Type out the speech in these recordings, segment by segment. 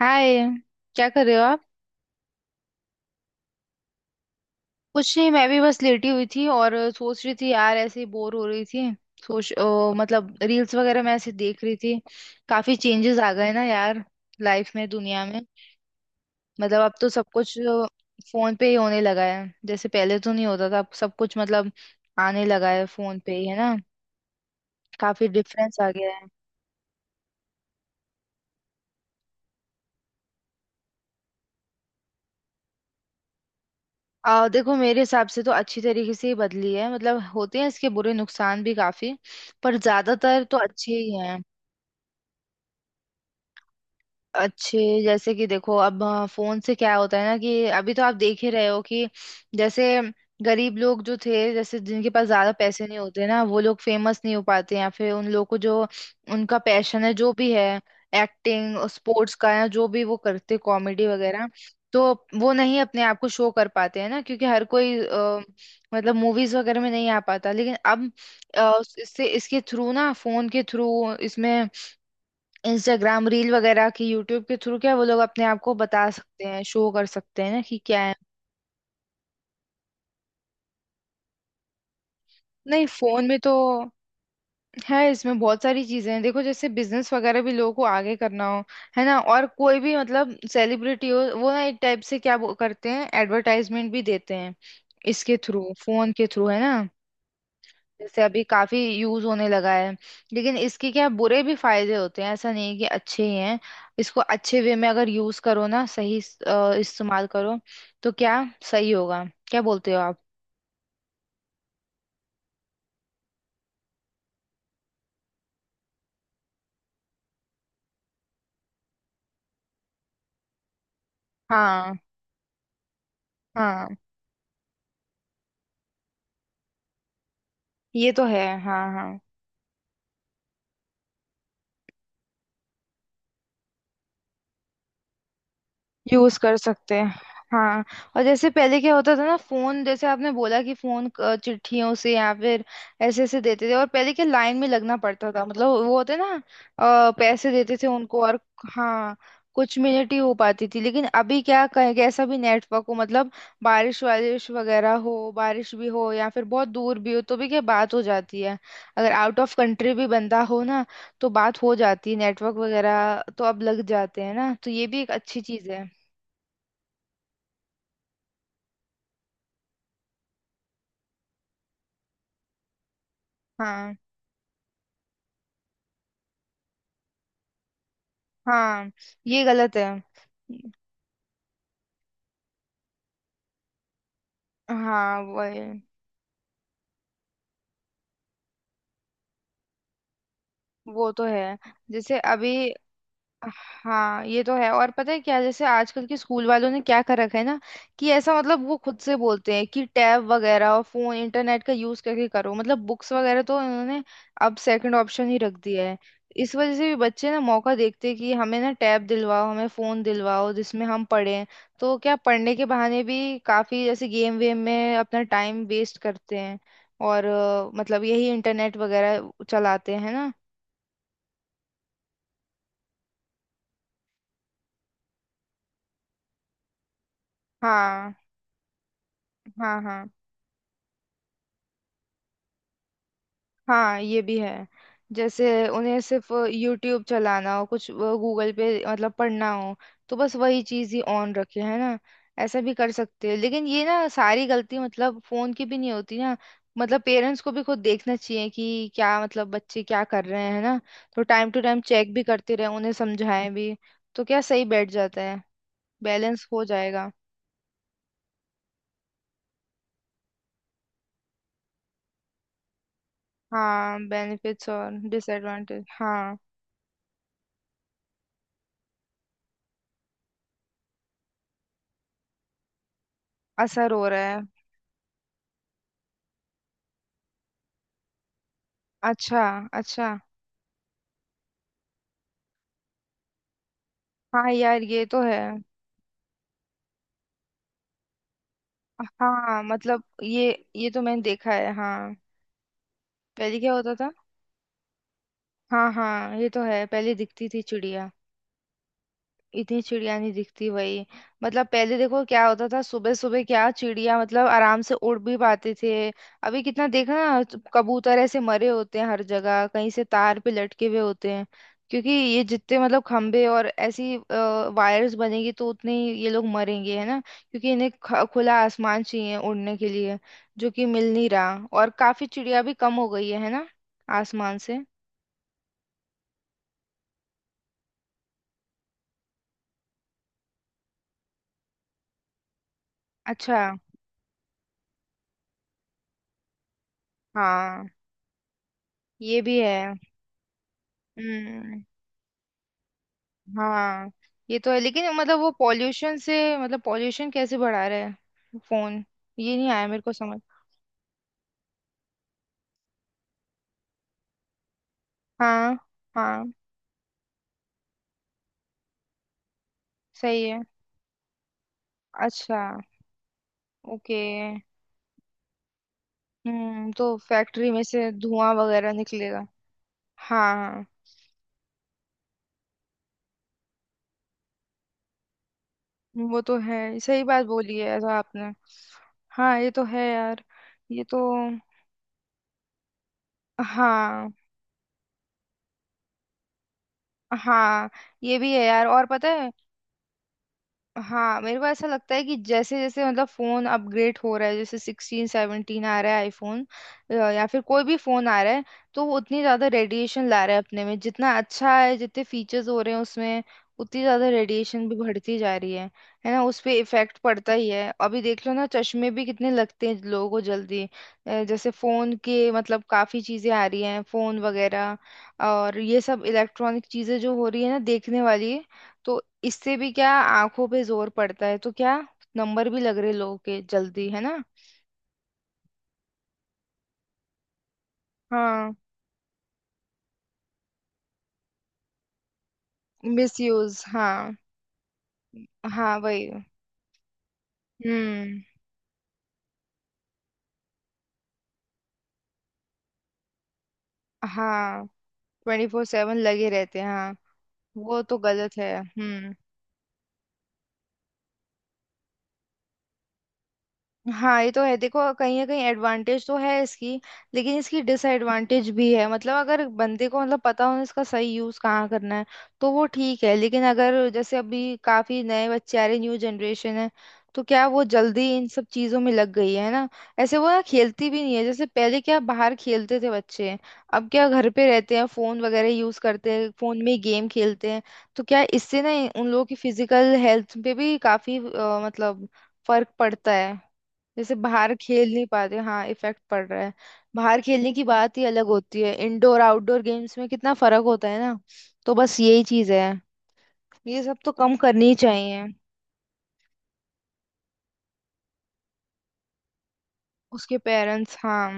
हाय। क्या कर रहे हो आप? कुछ नहीं, मैं भी बस लेटी हुई थी और सोच रही थी यार, ऐसे ही बोर हो रही थी। सोच मतलब रील्स वगैरह मैं ऐसे देख रही थी। काफी चेंजेस आ गए ना यार, लाइफ में, दुनिया में। मतलब अब तो सब कुछ फोन पे ही होने लगा है, जैसे पहले तो नहीं होता था, अब सब कुछ मतलब आने लगा है फोन पे ही, है ना। काफी डिफरेंस आ गया है। देखो, मेरे हिसाब से तो अच्छी तरीके से ही बदली है, मतलब होते हैं इसके बुरे नुकसान भी काफी, पर ज्यादातर तो अच्छे ही हैं। अच्छे जैसे कि देखो, अब हाँ, फोन से क्या होता है ना कि अभी तो आप देख ही रहे हो कि जैसे गरीब लोग जो थे, जैसे जिनके पास ज्यादा पैसे नहीं होते ना, वो लोग फेमस नहीं हो पाते, या फिर उन लोग को जो, उनका पैशन है जो भी है, एक्टिंग, स्पोर्ट्स का, या जो भी वो करते, कॉमेडी वगैरह, तो वो नहीं अपने आप को शो कर पाते हैं ना, क्योंकि हर कोई मतलब मूवीज वगैरह में नहीं आ पाता। लेकिन अब इससे, इसके थ्रू ना, फोन के थ्रू, इसमें इंस्टाग्राम रील वगैरह के, यूट्यूब के थ्रू क्या वो लोग अपने आप को बता सकते हैं, शो कर सकते हैं ना कि क्या है। नहीं, फोन में तो है, इसमें बहुत सारी चीजें हैं, देखो जैसे बिजनेस वगैरह भी लोगों को आगे करना हो, है ना, और कोई भी मतलब सेलिब्रिटी हो, वो ना एक टाइप से क्या वो करते हैं एडवर्टाइजमेंट भी देते हैं इसके थ्रू, फोन के थ्रू, है ना, जैसे अभी काफी यूज होने लगा है। लेकिन इसके क्या बुरे भी फायदे होते हैं, ऐसा नहीं है कि अच्छे ही हैं। इसको अच्छे वे में अगर यूज करो ना, सही इस्तेमाल करो, तो क्या सही होगा। क्या बोलते हो आप? हाँ हाँ, ये तो है। हाँ हाँ, यूज कर सकते हैं। हाँ, और जैसे पहले क्या होता था ना, फोन जैसे आपने बोला कि फोन चिट्ठियों से या फिर ऐसे ऐसे देते थे, और पहले क्या लाइन में लगना पड़ता था, मतलब वो होते ना पैसे देते थे उनको, और हाँ, कुछ मिनट ही हो पाती थी। लेकिन अभी क्या कहें, कैसा भी नेटवर्क हो मतलब, बारिश वारिश वगैरह हो, बारिश भी हो या फिर बहुत दूर भी हो तो भी क्या बात हो जाती है, अगर आउट ऑफ कंट्री भी बंदा हो ना तो बात हो जाती है। नेटवर्क वगैरह तो अब लग जाते हैं ना, तो ये भी एक अच्छी चीज है। हाँ हाँ, ये गलत है। हाँ, वही। वो तो है। जैसे अभी, हाँ ये तो है। और पता है क्या, जैसे आजकल के स्कूल वालों ने क्या कर रखा है ना, कि ऐसा मतलब वो खुद से बोलते हैं कि टैब वगैरह और फोन इंटरनेट का यूज करके करो, मतलब बुक्स वगैरह तो उन्होंने अब सेकंड ऑप्शन ही रख दिया है। इस वजह से भी बच्चे ना मौका देखते हैं कि हमें ना टैब दिलवाओ, हमें फोन दिलवाओ जिसमें हम पढ़ें, तो क्या पढ़ने के बहाने भी काफी जैसे गेम वेम में अपना टाइम वेस्ट करते हैं, और मतलब यही इंटरनेट वगैरह चलाते हैं ना। हाँ हाँ, हाँ हाँ, ये भी है, जैसे उन्हें सिर्फ यूट्यूब चलाना हो, कुछ गूगल पे मतलब पढ़ना हो, तो बस वही चीज ही ऑन रखे है ना, ऐसा भी कर सकते हैं। लेकिन ये ना सारी गलती मतलब फोन की भी नहीं होती ना, मतलब पेरेंट्स को भी खुद देखना चाहिए कि क्या मतलब बच्चे क्या कर रहे हैं, है ना, तो टाइम टू टाइम चेक भी करते रहे, उन्हें समझाएं भी, तो क्या सही बैठ जाता है, बैलेंस हो जाएगा। हाँ, बेनिफिट्स और डिसएडवांटेज, हाँ। असर हो रहा है। अच्छा। अच्छा हाँ यार, ये तो है। हाँ, मतलब ये तो मैंने देखा है। हाँ, पहले क्या होता था। हाँ हाँ, ये तो है, पहले दिखती थी चिड़िया। इतनी चिड़िया नहीं दिखती भाई, मतलब पहले देखो क्या होता था सुबह सुबह, क्या चिड़िया मतलब आराम से उड़ भी पाते थे। अभी कितना देखना, तो कबूतर ऐसे मरे होते हैं हर जगह, कहीं से तार पे लटके हुए होते हैं, क्योंकि ये जितने मतलब खंबे और ऐसी वायर्स बनेगी तो उतने ही ये लोग मरेंगे, है ना, क्योंकि इन्हें खुला आसमान चाहिए उड़ने के लिए, जो कि मिल नहीं रहा, और काफी चिड़िया भी कम हो गई है ना, आसमान से। अच्छा। हाँ, ये भी है। हम्म, हाँ ये तो है, लेकिन मतलब वो पॉल्यूशन से, मतलब पॉल्यूशन कैसे बढ़ा रहा है फोन, ये नहीं आया मेरे को समझ। हाँ। हाँ, सही है। अच्छा। ओके। हम्म, तो फैक्ट्री में से धुआं वगैरह निकलेगा। हाँ हाँ, वो तो है, सही बात बोली है ऐसा आपने। हाँ ये तो है यार। ये तो। हाँ हाँ, ये भी है यार। और पता है, हाँ मेरे को ऐसा लगता है कि जैसे जैसे मतलब फोन अपग्रेड हो रहा है, जैसे 16 17 आ रहा है आईफोन, या फिर कोई भी फोन आ रहा है, तो वो उतनी ज्यादा रेडिएशन ला रहा है अपने में, जितना अच्छा है, जितने फीचर्स हो रहे हैं उसमें, उतनी ज्यादा रेडिएशन भी बढ़ती जा रही है ना। उस पे इफेक्ट पड़ता ही है, अभी देख लो ना, चश्मे भी कितने लगते हैं लोगों को जल्दी। जैसे फोन के मतलब काफी चीजें आ रही हैं, फोन वगैरह, और ये सब इलेक्ट्रॉनिक चीजें जो हो रही है ना देखने वाली, तो इससे भी क्या आंखों पे जोर पड़ता है, तो क्या नंबर भी लग रहे लोगों के जल्दी, है ना। हाँ, मिस यूज, हाँ। हाँ, वही। हम्म, हाँ, 24/7 लगे रहते हैं, हाँ। वो तो गलत है। हम्म। हाँ ये तो है, देखो कहीं ना कहीं एडवांटेज तो है इसकी, लेकिन इसकी डिसएडवांटेज भी है, मतलब अगर बंदे को मतलब पता हो इसका सही यूज कहाँ करना है तो वो ठीक है, लेकिन अगर जैसे अभी काफी नए बच्चे आ रहे, न्यू जनरेशन है, तो क्या वो जल्दी इन सब चीजों में लग गई है ना। ऐसे वो ना खेलती भी नहीं है, जैसे पहले क्या बाहर खेलते थे बच्चे, अब क्या घर पे रहते हैं, फोन वगैरह यूज करते हैं, फोन में गेम खेलते हैं, तो क्या इससे ना उन लोगों की फिजिकल हेल्थ पे भी काफी मतलब फर्क पड़ता है, जैसे बाहर खेल नहीं पाते। हाँ, इफेक्ट पड़ रहा है। बाहर खेलने की बात ही अलग होती है, इंडोर आउटडोर गेम्स में कितना फर्क होता है ना, तो बस यही चीज है। ये सब तो कम करनी ही चाहिए। उसके पेरेंट्स, हाँ,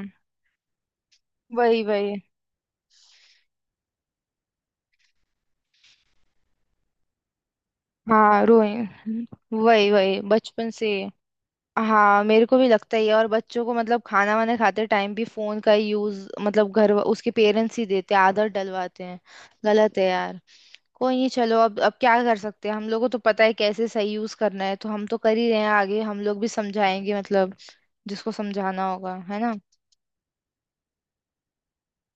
वही वही। हाँ, रोए, वही वही बचपन से। हाँ, मेरे को भी लगता ही है, और बच्चों को मतलब खाना वाना खाते टाइम भी फोन का यूज, मतलब घर वा- उसके पेरेंट्स ही देते हैं आदत डलवाते हैं, गलत है यार। कोई नहीं, चलो अब क्या कर सकते हैं, हम लोगों को तो पता है कैसे सही यूज करना है, तो हम तो कर ही रहे हैं, आगे हम लोग भी समझाएंगे मतलब, जिसको समझाना होगा, है ना।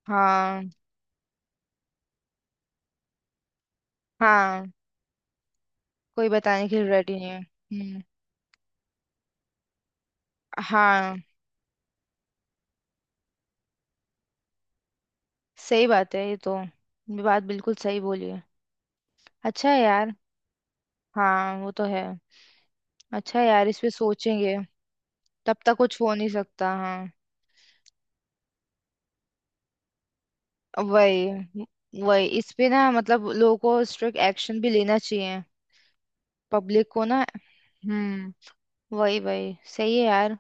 हाँ हाँ। कोई बताने के लिए रेडी नहीं है, हम्म। हाँ, सही बात है, ये तो, ये बात बिल्कुल सही बोली है। अच्छा है यार। हाँ वो तो है। अच्छा है यार, इस पे सोचेंगे, तब तक कुछ हो नहीं सकता, हाँ। वही वही, इस पे ना मतलब लोगों को स्ट्रिक्ट एक्शन भी लेना चाहिए, पब्लिक को ना। हम्म, वही वही, सही है यार।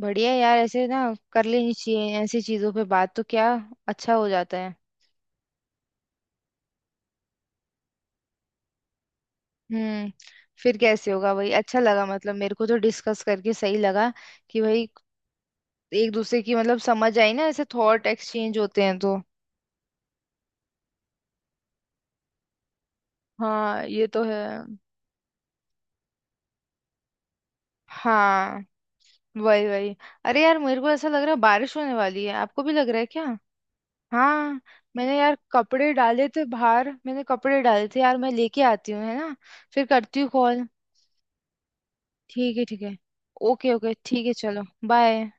बढ़िया है यार, ऐसे ना कर लेनी चाहिए ऐसी चीजों पे बात, तो क्या अच्छा हो जाता है। हम्म, फिर कैसे होगा, वही। अच्छा लगा मतलब, मेरे को तो डिस्कस करके सही लगा कि भाई एक दूसरे की मतलब समझ आई ना, ऐसे थॉट एक्सचेंज होते हैं तो। हाँ ये तो है। हाँ, वही वही। अरे यार, मेरे को ऐसा लग रहा है बारिश होने वाली है, आपको भी लग रहा है क्या? हाँ, मैंने यार कपड़े डाले थे बाहर, मैंने कपड़े डाले थे यार, मैं लेके आती हूँ, है ना। फिर करती हूँ कॉल। ठीक है ठीक है। ओके ओके, ठीक है, चलो। बाय।